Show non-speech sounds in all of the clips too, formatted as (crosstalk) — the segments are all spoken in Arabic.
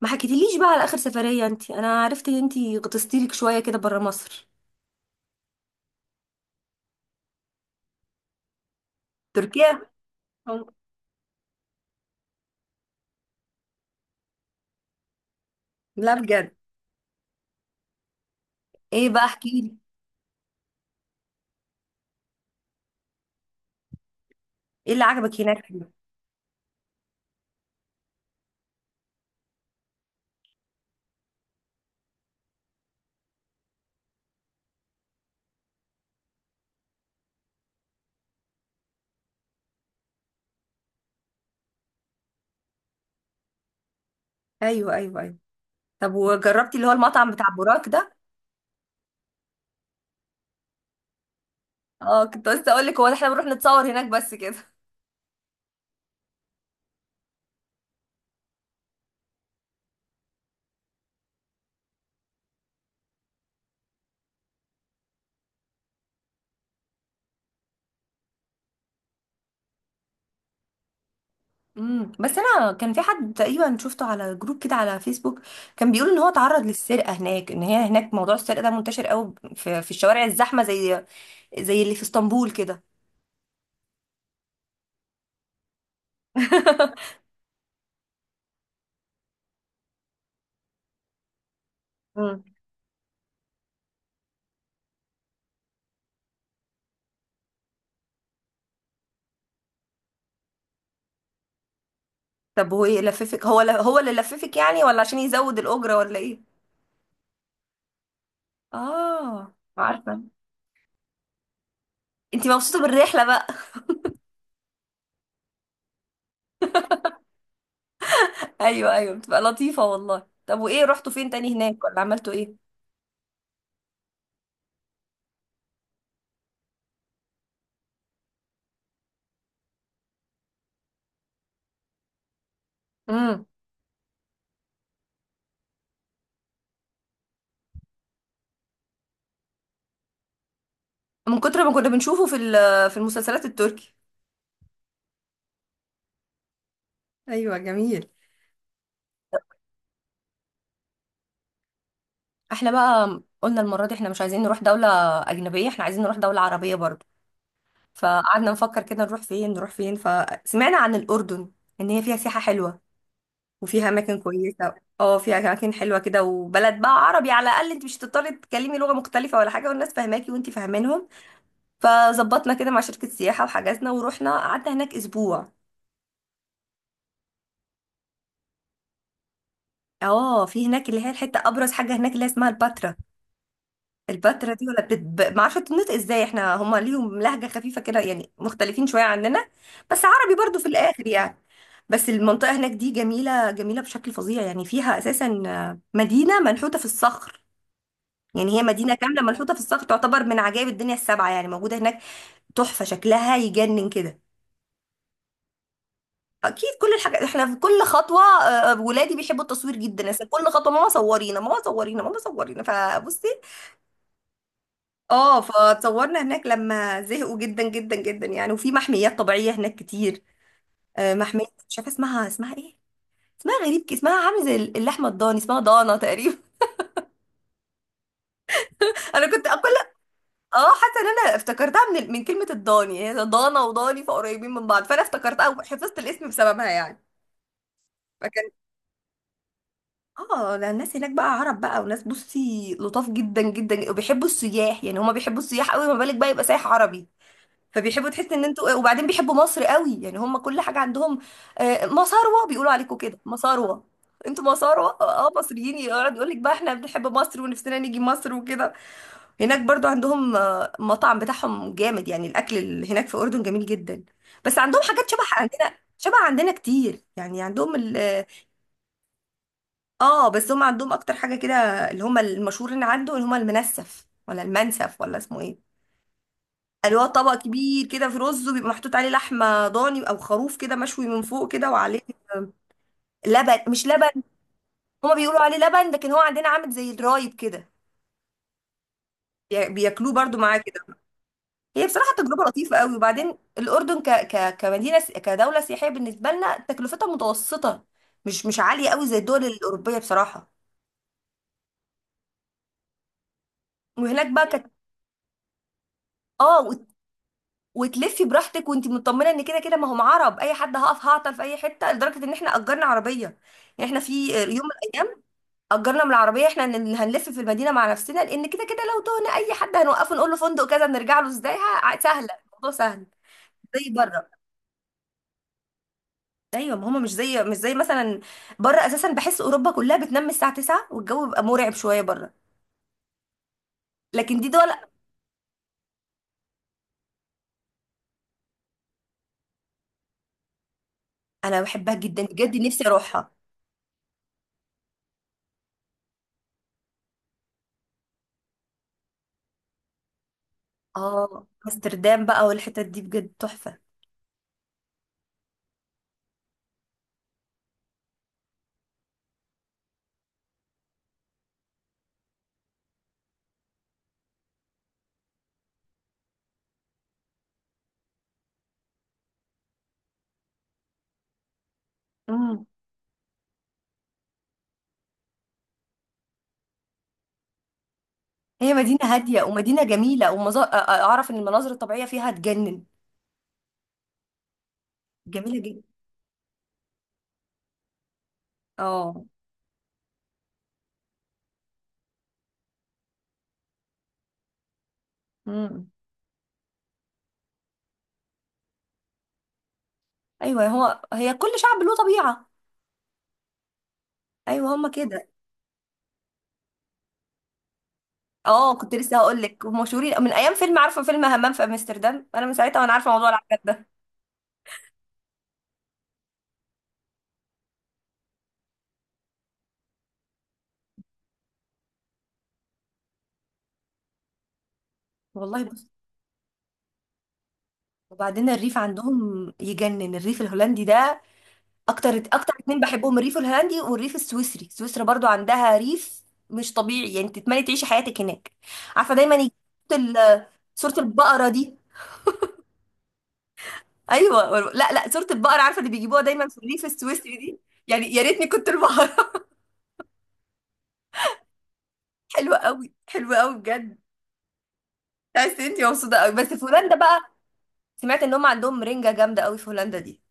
ما حكيتليش بقى على اخر سفرية انت. انا عرفت ان انت غطستي لك شوية كده برا مصر. تركيا؟ لا بجد؟ ايه بقى، احكي لي. ايه اللي عجبك هناك؟ ايوه ايوه ايوه. طب وجربتي اللي هو المطعم بتاع بوراك ده؟ اه، كنت لسه اقول لك هو ده، احنا بنروح نتصور هناك بس كده. بس انا كان في حد تقريبا شفته على جروب كده على فيسبوك، كان بيقول ان هو اتعرض للسرقة هناك، ان هي هناك موضوع السرقة ده منتشر قوي في الشوارع الزحمة زي اللي في اسطنبول كده. (laughs) طب هو ايه لففك؟ هو اللي لففك يعني، ولا عشان يزود الأجرة، ولا ايه؟ اه، عارفة. انتي مبسوطة بالرحلة بقى. (laughs) ايوه ايوه، بتبقى لطيفة والله. طب وايه، رحتوا فين تاني هناك، ولا عملتوا ايه؟ امم. من كتر ما كنا بنشوفه في المسلسلات التركي. ايوه جميل. احنا بقى قلنا المرة دي احنا مش عايزين نروح دولة أجنبية، احنا عايزين نروح دولة عربية برضه. فقعدنا نفكر كده نروح فين نروح فين، فسمعنا عن الأردن. ان هي فيها سياحة حلوة. وفيها اماكن كويسه، اه فيها اماكن حلوه كده، وبلد بقى عربي، على الاقل انت مش هتضطري تتكلمي لغه مختلفه ولا حاجه، والناس فاهماكي وانت فاهمينهم. فظبطنا كده مع شركه سياحه وحجزنا ورحنا قعدنا هناك اسبوع. اه، في هناك اللي هي الحته ابرز حاجه هناك اللي هي اسمها الباترا. الباترا دي، ما اعرفش تنطق ازاي، احنا هم ليهم لهجه خفيفه كده يعني، مختلفين شويه عننا. بس عربي برضو في الاخر يعني. بس المنطقه هناك دي جميله جميله بشكل فظيع، يعني فيها اساسا مدينه منحوته في الصخر. يعني هي مدينة كاملة ملحوطة في الصخر، تعتبر من عجائب الدنيا السبعة، يعني موجودة هناك. تحفة، شكلها يجنن كده. أكيد كل الحاجات، إحنا في كل خطوة ولادي بيحبوا التصوير جدا، أصل كل خطوة ماما صورينا ماما صورينا ماما صورينا، فبصي. اه، فتصورنا هناك لما زهقوا جدا جدا جدا يعني. وفي محميات طبيعية هناك كتير، محمية مش عارفة اسمها ايه. اسمها غريب كده، اسمها عامل زي اللحمة الضاني، اسمها ضانة تقريبا. (laughs) أنا كنت كل... اه، حاسه ان انا افتكرتها من كلمه الضاني، هي ضانا وضاني فقريبين من بعض، فانا افتكرتها وحفظت الاسم بسببها يعني. فكان... اه، ده الناس هناك بقى عرب بقى، وناس بصي لطاف جدا جدا، وبيحبوا السياح، يعني هما بيحبوا السياح قوي، ما بالك بقى يبقى سايح عربي. فبيحبوا تحس ان انتوا، وبعدين بيحبوا مصر قوي، يعني هما كل حاجه عندهم مصاروة بيقولوا عليكم كده، مصاروة. انتوا مصاروة، مصريين، يقعد يقول لك بقى احنا بنحب مصر ونفسنا نيجي مصر وكده. هناك برضو عندهم مطعم بتاعهم جامد، يعني الاكل اللي هناك في الاردن جميل جدا. بس عندهم حاجات شبه عندنا شبه عندنا كتير، يعني عندهم ال... اه، بس هم عندهم اكتر حاجه كده اللي هم المشهورين عنده، اللي هم المنسف، ولا المنسف، ولا اسمه ايه. اللي هو طبق كبير كده، في رز وبيبقى محطوط عليه لحمه ضاني او خروف كده مشوي من فوق كده، وعليه آه، لبن، مش لبن. هما بيقولوا عليه لبن، لكن هو عندنا عامل زي الرايب كده. بياكلوه برضو معاه كده. هي بصراحة تجربة لطيفة قوي، وبعدين الأردن كدولة سياحية بالنسبة لنا تكلفتها متوسطة. مش عالية قوي زي الدول الأوروبية بصراحة. وهناك بقى كانت... اه وتلفي براحتك وانت مطمنة ان كده كده ما هم عرب، اي حد هقف هعطل في اي حتة، لدرجة ان احنا اجرنا عربية. يعني احنا في يوم من الايام اجرنا من العربية، احنا اللي هنلف في المدينة مع نفسنا، لان كده كده لو تهنا اي حد هنوقفه نقول له فندق كذا نرجع له ازاي. سهلة، الموضوع سهل. زي بره. ايوه، ما هما مش زي مش زي مثلا بره، اساسا بحس اوروبا كلها بتنام الساعه 9 والجو بيبقى مرعب شويه بره. لكن دي دول... انا بحبها جدا بجد، نفسي اروحها. اه، امستردام بقى والحتت دي بجد تحفه. امم، هي مدينه هاديه ومدينه جميله، اعرف ان المناظر الطبيعيه فيها تجنن. جميله جدا. اه. امم. ايوه، هو هي كل شعب له طبيعه. ايوه هما كده. اه، كنت لسه هقول لك مشهورين من ايام فيلم، عارفه فيلم همام في امستردام؟ انا من ساعتها وانا عارفه موضوع العجل ده. والله بص، وبعدين الريف عندهم يجنن، الريف الهولندي ده اكتر اكتر اتنين بحبهم، الريف الهولندي والريف السويسري. سويسرا برضو عندها ريف مش طبيعي، يعني تتمني تعيشي حياتك هناك. عارفه دايما يجيب صورة ال- صوره البقره دي. ايوه، لا لا، صوره البقره عارفه اللي بيجيبوها دايما في الريف السويسري دي. يعني يا ريتني كنت البقره. (laughs) حلوه قوي حلوه قوي بجد. تحس انت مبسوطه قوي بس في هولندا بقى. سمعت ان هم عندهم رنجه جامده قوي في هولندا دي،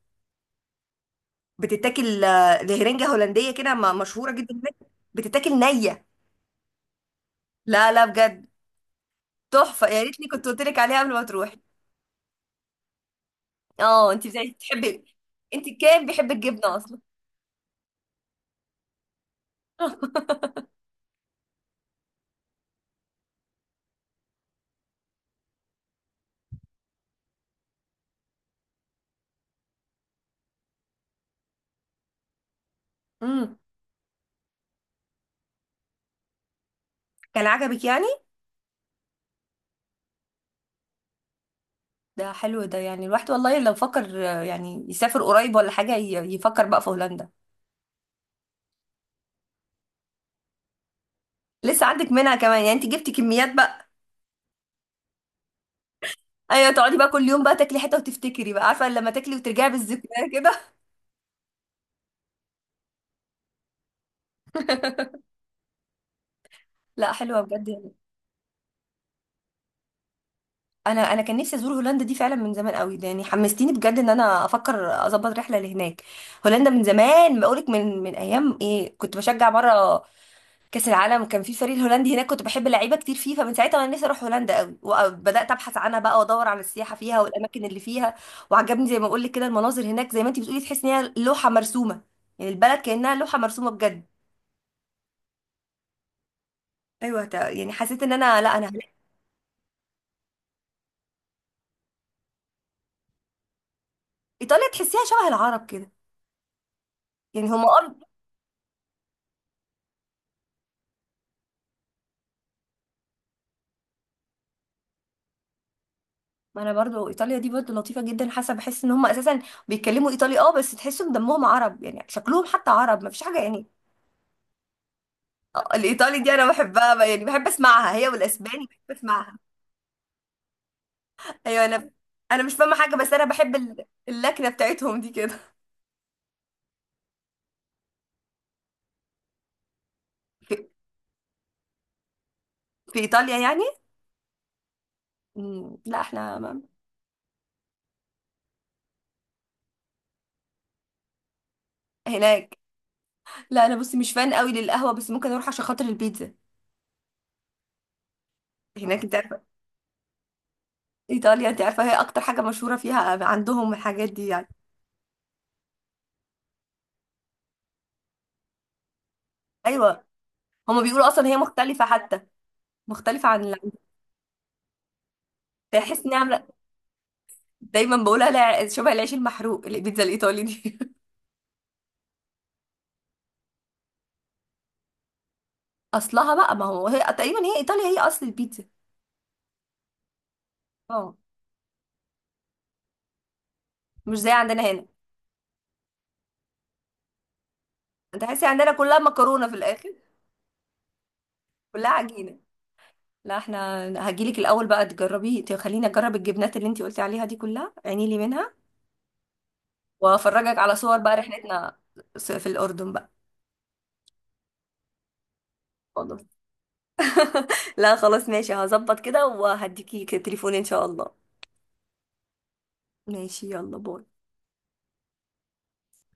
بتتاكل دي رنجه هولنديه كده، مشهوره جدا هناك. بتتاكل نيه. لا لا بجد، تحفة، يا ريتني كنت قلت لك عليها قبل ما تروحي. اه انت (laughs) بتاعتي بتحبي، انت كان بيحب الجبنة اصلا. امم كان عجبك يعني. ده حلو ده، يعني الواحد والله لو فكر يعني يسافر قريب ولا حاجة، يفكر بقى في هولندا. لسه عندك منها كمان يعني، انت جبتي كميات بقى. ايوه، تقعدي بقى كل يوم بقى تاكلي حتة وتفتكري بقى، عارفة لما تاكلي وترجعي بالذكريات كده. (laughs) لا حلوة بجد يعني. انا كان نفسي ازور هولندا دي فعلا من زمان قوي، ده يعني حمستيني بجد ان انا افكر اظبط رحله لهناك. هولندا من زمان بقولك، من ايام ايه، كنت بشجع مره كاس العالم، كان في فريق الهولندي هناك كنت بحب لعيبه كتير فيه، فمن ساعتها وانا نفسي اروح هولندا قوي، وبدات ابحث عنها بقى وادور على السياحه فيها والاماكن اللي فيها. وعجبني زي ما بقولك كده المناظر هناك، زي ما انت بتقولي تحس ان هي لوحه مرسومه، يعني البلد كانها لوحه مرسومه بجد. ايوه، يعني حسيت ان انا، لا انا هناك. ايطاليا تحسيها شبه العرب كده، يعني هم ما انا برضو ايطاليا دي برضو لطيفه جدا، حاسه بحس ان هم اساسا بيتكلموا ايطالي، بس تحسهم دمهم عرب، يعني شكلهم حتى عرب، ما فيش حاجه يعني. الايطالي دي انا بحبها بقى، يعني بحب اسمعها، هي والاسباني بحب اسمعها. ايوه، انا مش فاهمه حاجه، بس انا بحب اللكنه بتاعتهم دي كده. في, في ايطاليا يعني. لا، احنا ما-... هناك؟ لا انا بصي مش فان قوي للقهوه، بس ممكن اروح عشان خاطر البيتزا. هناك انت عارفه ايطاليا، انت عارفه هي اكتر حاجه مشهوره فيها عندهم الحاجات دي يعني. ايوه، هما بيقولوا اصلا هي مختلفه حتى، مختلفة عن... بحس اني عامله... دايما بقولها شبه العيش المحروق البيتزا الايطالي دي. (laughs) اصلها بقى، ما هو هي تقريبا، هي ايطاليا هي اصل البيتزا. اه، مش زي عندنا هنا. تحسي عندنا كلها مكرونه في الاخر، كلها عجينه. لا، احنا هجيلك الاول بقى تجربي، خليني اجرب الجبنات اللي انتي قلتي عليها دي كلها، عيني لي منها. وافرجك على صور بقى رحلتنا في الاردن بقى. خلاص. (laughs) لا خلاص، ماشي هظبط كده وهديكي تليفون ان شاء الله. ماشي يلا باي.